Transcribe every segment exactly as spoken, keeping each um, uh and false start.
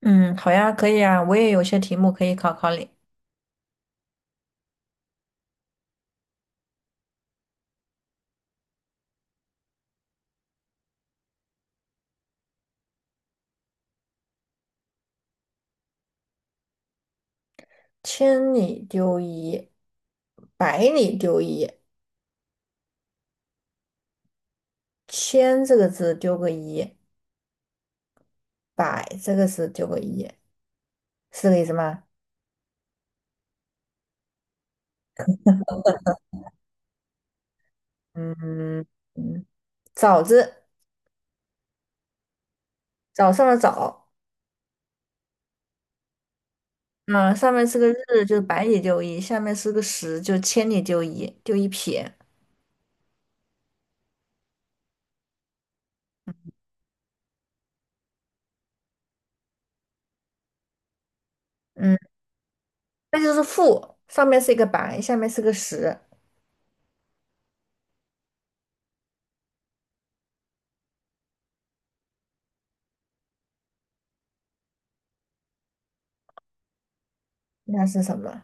嗯，好呀，可以啊，我也有些题目可以考考你。千里丢一，百里丢一，千这个字丢个一，百这个字丢个一，是这个意思吗？嗯嗯，早字，早上的早，嗯，上面是个日，就是百里丢一，下面是个十，就千里丢一，丢一撇。嗯，那就是负，上面是一个白，下面是个十，那是什么？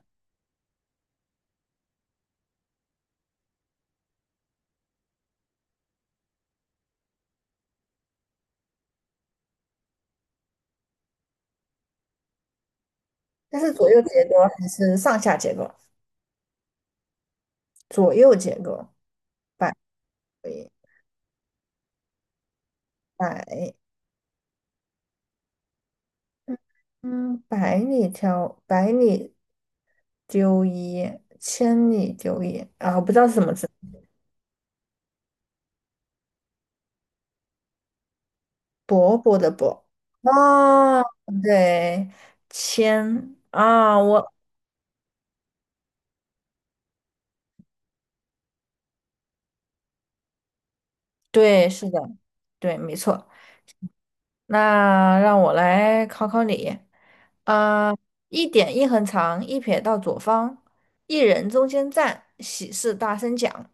那是左右结构还是上下结构？左右结构。百里百，嗯，百里挑百里纠一，千里纠一啊，我不知道是什么字，伯伯的伯。啊，对，千啊，我对，是的，对，没错。那让我来考考你，啊、一点一横长，一撇到左方，一人中间站，喜事大声讲。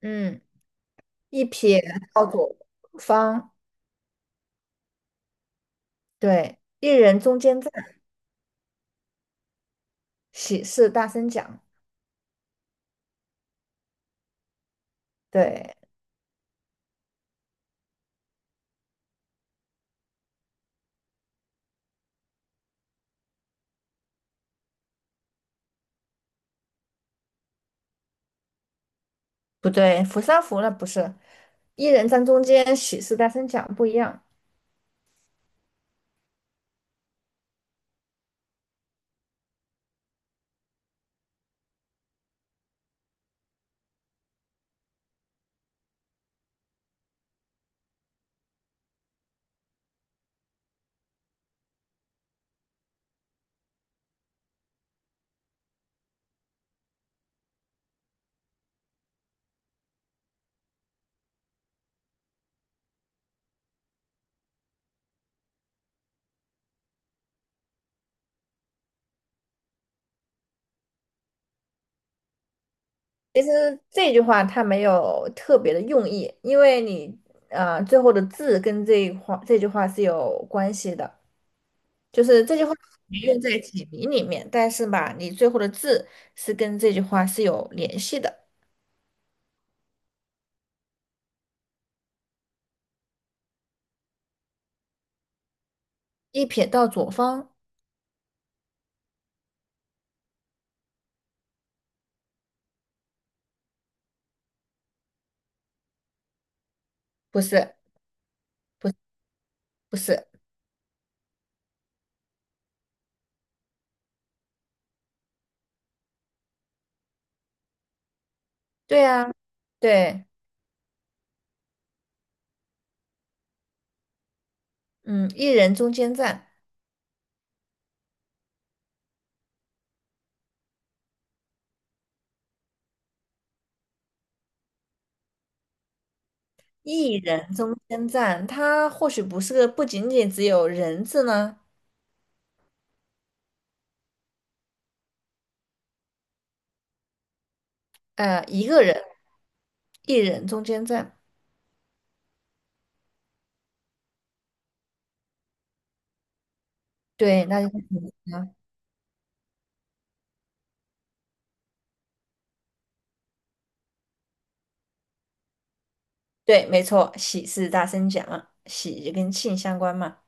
嗯，一撇到左方，对，一人中间站，喜事大声讲。对，不对？扶三扶了不是，一人站中间，喜事大声讲不一样。其实这句话它没有特别的用意，因为你呃最后的字跟这一话这句话是有关系的，就是这句话你用在解谜里面，但是吧，你最后的字是跟这句话是有联系的。一撇到左方，不是，不是不是，对啊，对，嗯，一人中间站。一人中间站，它或许不是不仅仅只有人字呢，呃，一个人，一人中间站，对，那就是你啊，对，没错，喜是大声讲嘛喜就跟庆相关嘛，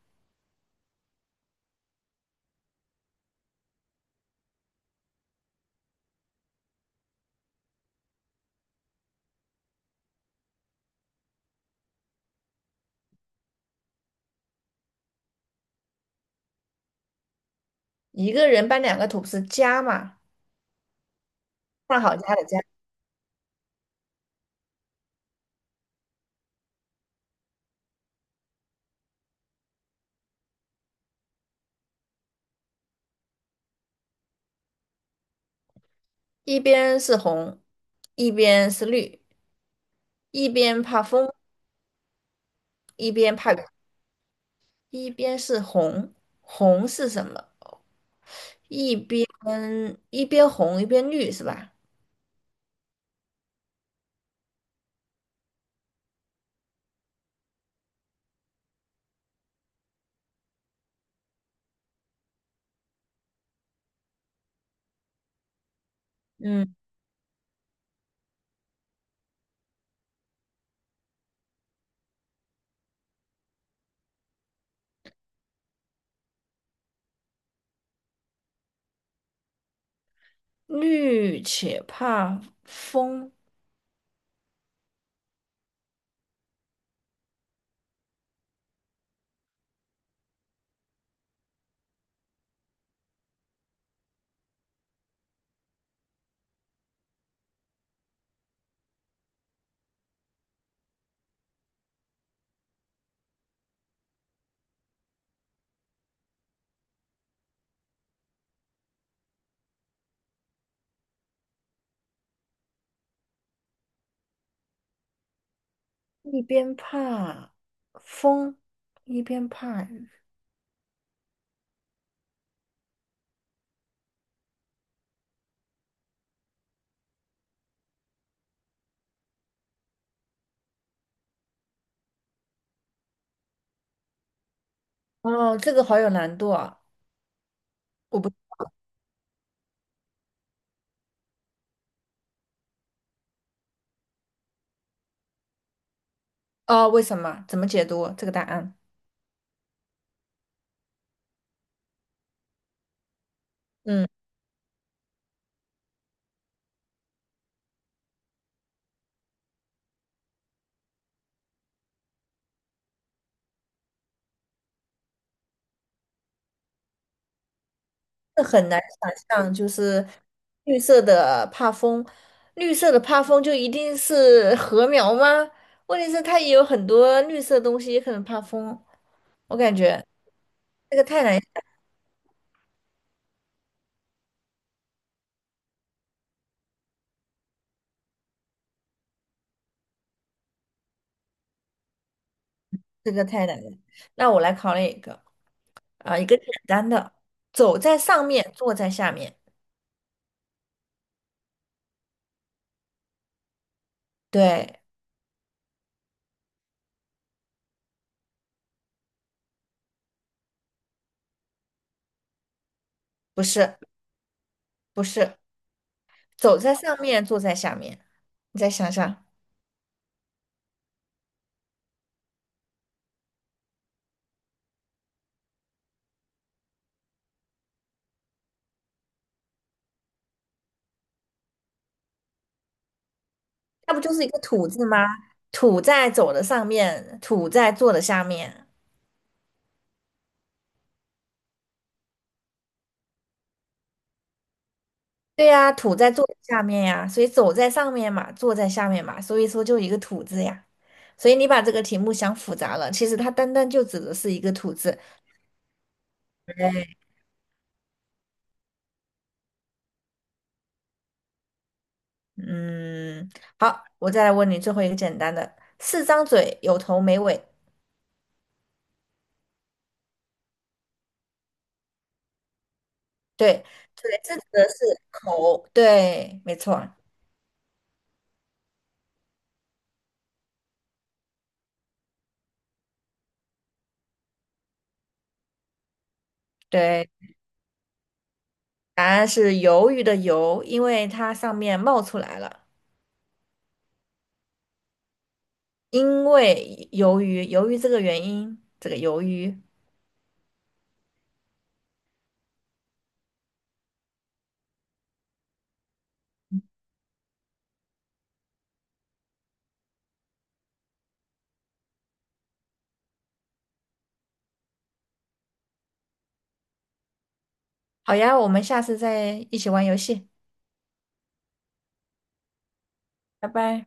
一个人搬两个土是家嘛，上好家的家，一边是红，一边是绿，一边怕风，一边怕雨，一边是红，红是什么？一边一边红一边绿是吧？嗯。绿且怕风，一边怕风，一边怕雨。哦，这个好有难度啊！我不，哦，为什么？怎么解读这个答案？嗯，这很难想象，就是绿色的怕风，绿色的怕风就一定是禾苗吗？问题是它也有很多绿色的东西，也可能怕风。我感觉这个太难，这个太难了。那我来考你一个。啊、一个简单的，走在上面，坐在下面。对，不是，不是，走在上面，坐在下面。你再想想，那不就是一个土字吗？土在走的上面，土在坐的下面。对呀、土在坐的下面呀，所以走在上面嘛，坐在下面嘛，所以说就一个土字呀。所以你把这个题目想复杂了，其实它单单就指的是一个土字。嗯，好，我再来问你最后一个简单的：四张嘴，有头没尾，对对，这个是口，对，没错，对，答案是鱿鱼的鱿，因为它上面冒出来了，因为鱿鱼，鱿鱼这个原因，这个鱿鱼。好呀，我们下次再一起玩游戏，拜拜。